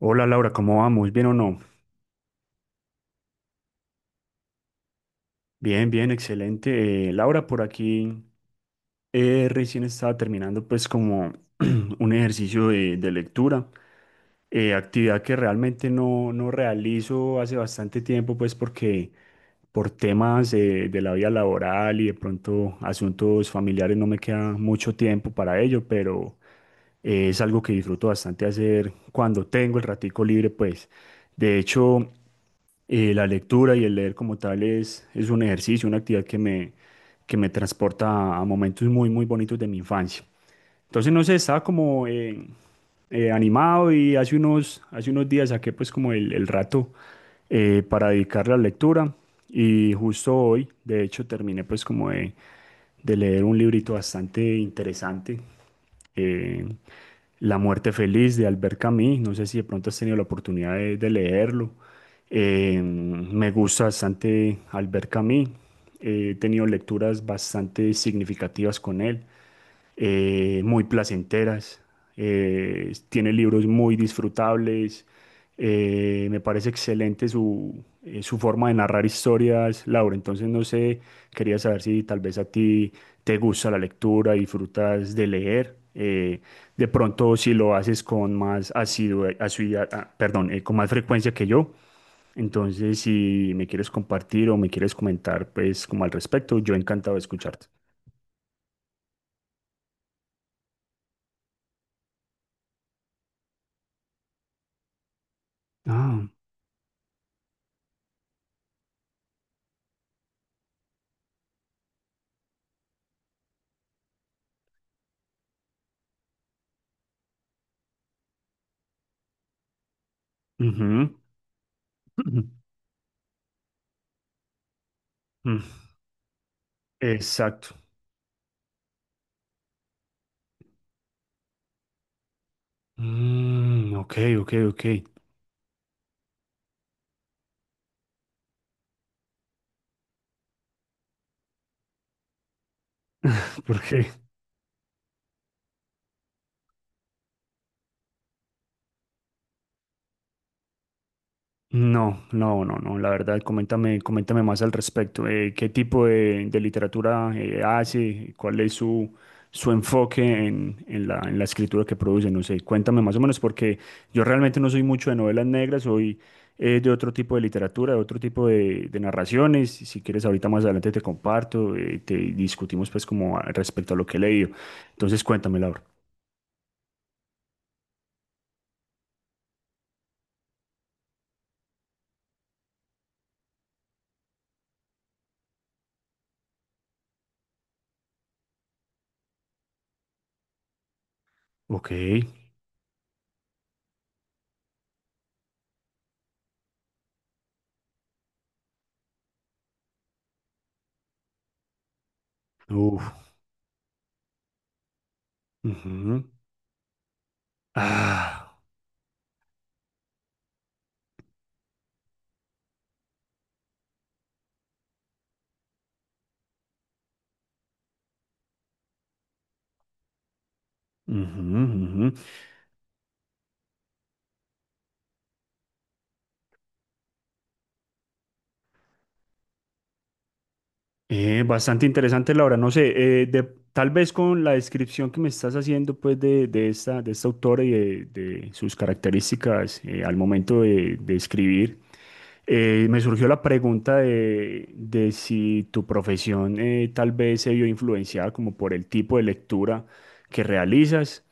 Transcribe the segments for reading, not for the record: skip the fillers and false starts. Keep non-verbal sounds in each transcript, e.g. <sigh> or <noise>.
Hola Laura, ¿cómo vamos? ¿Bien o no? Bien, bien, excelente. Laura, por aquí. Recién estaba terminando pues como <clears throat> un ejercicio de lectura, actividad que realmente no, no realizo hace bastante tiempo pues porque por temas de la vida laboral y de pronto asuntos familiares no me queda mucho tiempo para ello, pero es algo que disfruto bastante hacer cuando tengo el ratico libre pues. De hecho, la lectura y el leer como tal es un ejercicio, una actividad que me transporta a momentos muy, muy bonitos de mi infancia. Entonces, no sé, estaba como animado y hace unos días saqué pues como el rato para dedicarle a la lectura y justo hoy, de hecho, terminé pues como de leer un librito bastante interesante, eh, La muerte feliz de Albert Camus. No sé si de pronto has tenido la oportunidad de leerlo. Me gusta bastante Albert Camus. He tenido lecturas bastante significativas con él, muy placenteras. Tiene libros muy disfrutables. Me parece excelente su forma de narrar historias, Laura. Entonces, no sé, quería saber si tal vez a ti te gusta la lectura, disfrutas de leer. eh, de pronto, si lo haces con más asiduidad. Perdón, con más frecuencia que yo. Entonces, si me quieres compartir o me quieres comentar, pues como al respecto, yo encantado de escucharte. Ah, ujú. <laughs> Ujú. Mm, exacto. Mm, ok, ok, ok. <laughs> Porque no, no, no, no. La verdad, coméntame, coméntame más al respecto. ¿Qué tipo de literatura hace? ¿Cuál es su enfoque en la escritura que produce? No sé, cuéntame más o menos, porque yo realmente no soy mucho de novelas negras, soy de otro tipo de literatura, de otro tipo de narraciones. Si si quieres, ahorita más adelante te comparto, te discutimos pues como respecto a lo que he leído. Entonces, cuéntame, Laura. Ok. Uf. Ujú. Ah. Ujú, ujú. Bastante interesante, Laura. No sé, tal vez con la descripción que me estás haciendo, pues, de esta autora y de sus características, al momento de escribir. Me surgió la pregunta de si tu profesión tal vez se vio influenciada como por el tipo de lectura que realizas,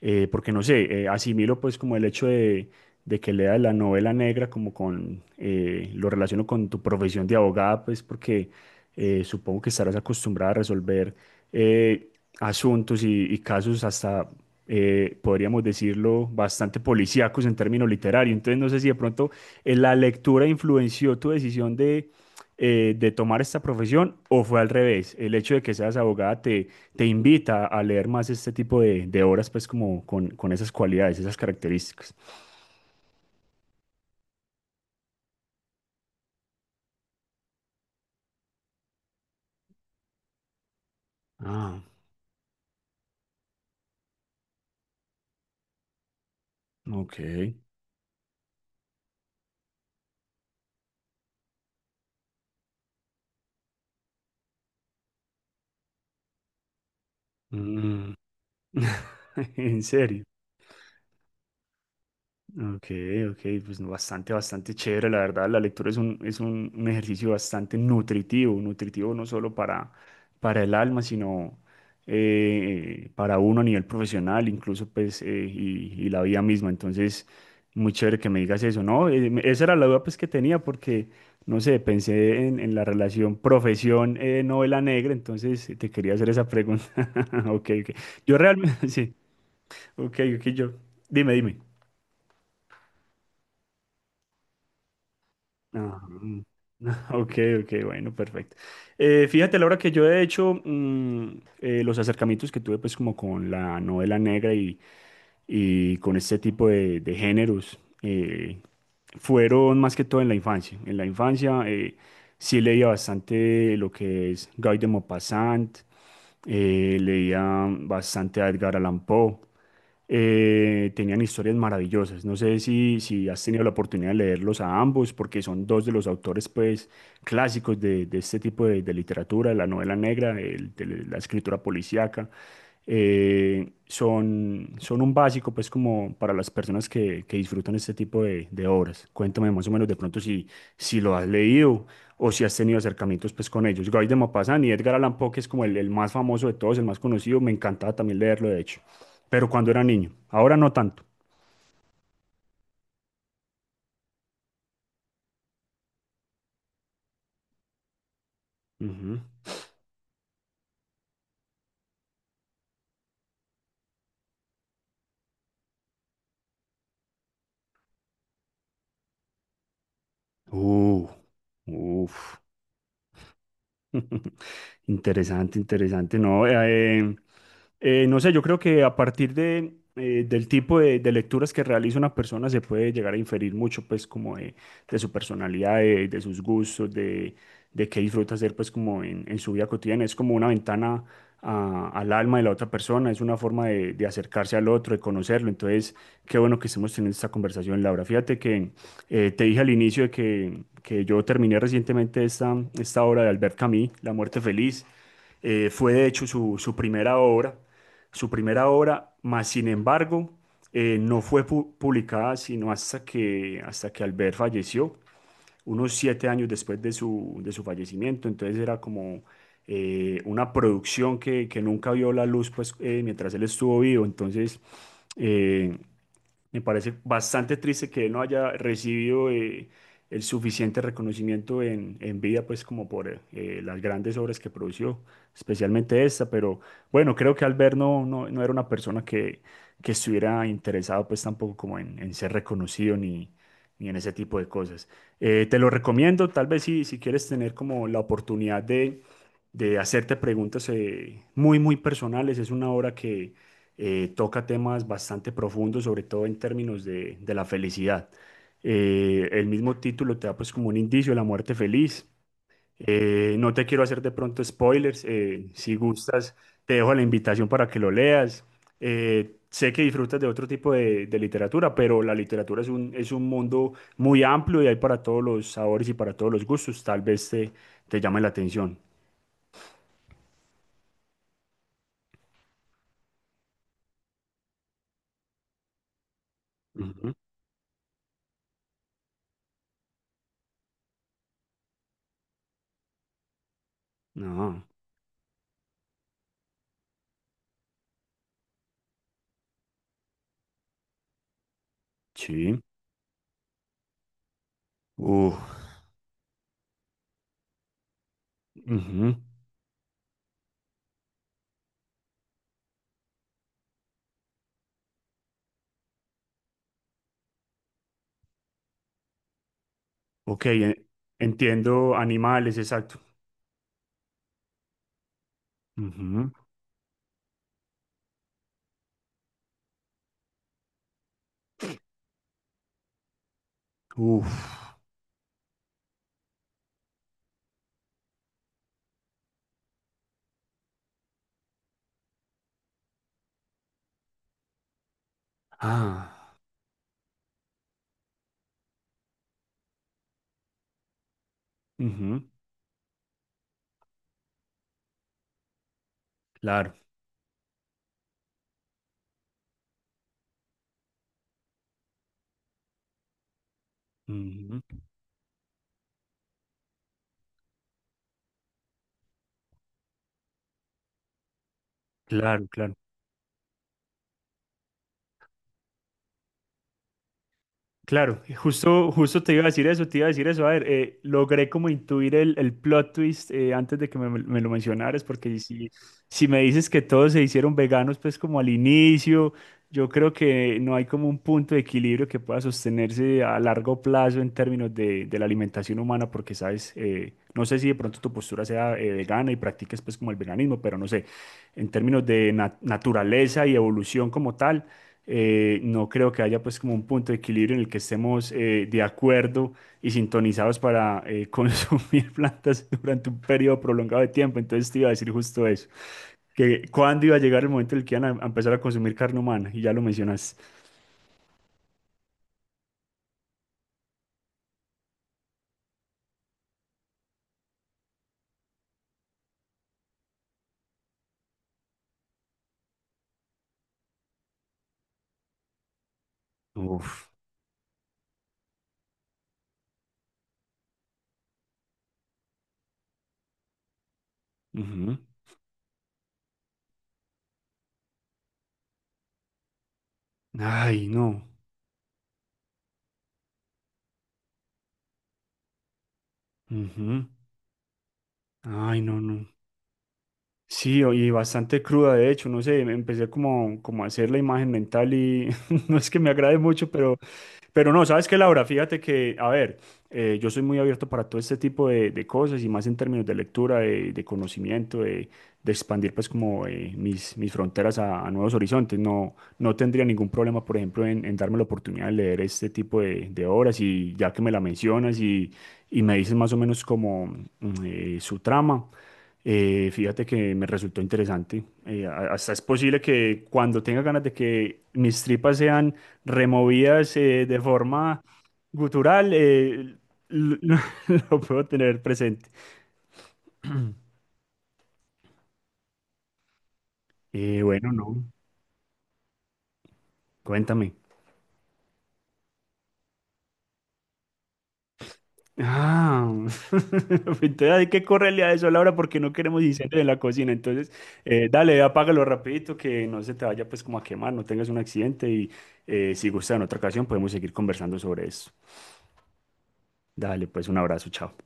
porque no sé, asimilo pues como el hecho de que leas la novela negra como lo relaciono con tu profesión de abogada, pues porque supongo que estarás acostumbrada a resolver eh, asuntos y casos hasta podríamos decirlo bastante policíacos en términos literarios. Entonces, no sé si de pronto, ¿la lectura influenció tu decisión de tomar esta profesión o fue al revés? El hecho de que seas abogada te invita a leer más este tipo de obras, pues como con esas cualidades, esas características. Ah, ok. Mm. <laughs> En serio. Ok, ok, pues no, bastante, bastante chévere, la verdad. La lectura es un ejercicio bastante nutritivo, nutritivo no solo para el alma, sino para uno a nivel profesional, incluso pues, y la vida misma. Entonces, muy chévere que me digas eso, ¿no? Esa era la duda pues que tenía porque, no sé, pensé en la relación profesión, novela negra, entonces te quería hacer esa pregunta. <laughs> Ok, ok. Yo realmente, <laughs> sí, ok, ok, yo, dime, dime. Ah, mm. <laughs> Ok, ok, bueno, perfecto. Fíjate, Laura, que yo he hecho los acercamientos que tuve pues como con la novela negra y con este tipo de géneros fueron más que todo en la infancia. En la infancia, sí leía bastante lo que es Guy de Maupassant, leía bastante a Edgar Allan Poe, tenían historias maravillosas. No sé si, si has tenido la oportunidad de leerlos a ambos, porque son dos de los autores pues, clásicos de este tipo de literatura, de la novela negra, de la escritura policíaca. Son un básico pues como para las personas que disfrutan este tipo de obras. Cuéntame más o menos de pronto si, si lo has leído o si has tenido acercamientos pues con ellos. Guy de Maupassant y Edgar Allan Poe, que es como el más famoso de todos, el más conocido, me encantaba también leerlo de hecho pero cuando era niño. Ahora no tanto. Ujú. Uh, uf. <laughs> Interesante, interesante. No, no sé. Yo creo que a partir del tipo de lecturas que realiza una persona se puede llegar a inferir mucho, pues, como de su personalidad, de sus gustos, de qué disfruta hacer, pues, como en su vida cotidiana. Es como una ventana al alma de la otra persona, es una forma de acercarse al otro, de conocerlo. Entonces, qué bueno que estemos teniendo esta conversación, Laura. Fíjate que te dije al inicio de que yo terminé recientemente esta obra de Albert Camus, La muerte feliz. Fue de hecho su primera obra, mas sin embargo, no fue publicada sino hasta que Albert falleció, unos 7 años después de su fallecimiento. Entonces era como una producción que nunca vio la luz pues, mientras él estuvo vivo. Entonces, eh, me parece bastante triste que él no haya recibido el suficiente reconocimiento en vida, pues como por las grandes obras que produjo, especialmente esta, pero bueno, creo que Albert no, no, no era una persona que estuviera interesado pues tampoco como en ser reconocido ni en ese tipo de cosas. Te lo recomiendo. Tal vez si, si quieres tener como la oportunidad de hacerte preguntas muy, muy personales, es una obra que toca temas bastante profundos, sobre todo en términos de la felicidad. El mismo título te da pues como un indicio de la muerte feliz. No te quiero hacer de pronto spoilers. Si gustas, te dejo la invitación para que lo leas. Sé que disfrutas de otro tipo de literatura, pero la literatura es un mundo muy amplio y hay para todos los sabores y para todos los gustos. Tal vez te llame la atención. Ujú. No, sí. Uf. Ujú. Ok, entiendo, animales, exacto. Ujú. Uf. Ah. Ujú. Claro. Ujú. Claro, claro. Claro, justo, justo te iba a decir eso, te iba a decir eso. A ver, logré como intuir el plot twist antes de que me lo mencionaras, porque si, si me dices que todos se hicieron veganos, pues como al inicio, yo creo que no hay como un punto de equilibrio que pueda sostenerse a largo plazo en términos de la alimentación humana, porque sabes, no sé si de pronto tu postura sea vegana y practiques pues como el veganismo, pero no sé, en términos de naturaleza y evolución como tal, no creo que haya pues como un punto de equilibrio en el que estemos, de acuerdo y sintonizados para <laughs> consumir plantas durante un periodo prolongado de tiempo. Entonces te iba a decir justo eso, que cuándo iba a llegar el momento en el que iban a empezar a consumir carne humana, y ya lo mencionas. Uf. Ujú. Ay, no. Ujú. Ay, no, no. Sí, y bastante cruda, de hecho, no sé, me empecé como a hacer la imagen mental y <laughs> no es que me agrade mucho. Pero no, sabes que, Laura, fíjate que, a ver, yo soy muy abierto para todo este tipo de cosas y más en términos de lectura, de conocimiento, de expandir pues como mis fronteras a nuevos horizontes. No, no tendría ningún problema, por ejemplo, en darme la oportunidad de leer este tipo de obras y ya que me la mencionas y me dices más o menos como su trama. Fíjate que me resultó interesante. Hasta es posible que cuando tenga ganas de que mis tripas sean removidas, de forma gutural, lo, <laughs> lo puedo tener presente. Bueno, no, cuéntame. Ah, <laughs> entonces hay que correrle a eso, Laura, porque no queremos incendios en la cocina. Entonces, dale, apágalo rapidito, que no se te vaya pues como a quemar, no tengas un accidente y si gusta, en otra ocasión podemos seguir conversando sobre eso. Dale, pues un abrazo, chao.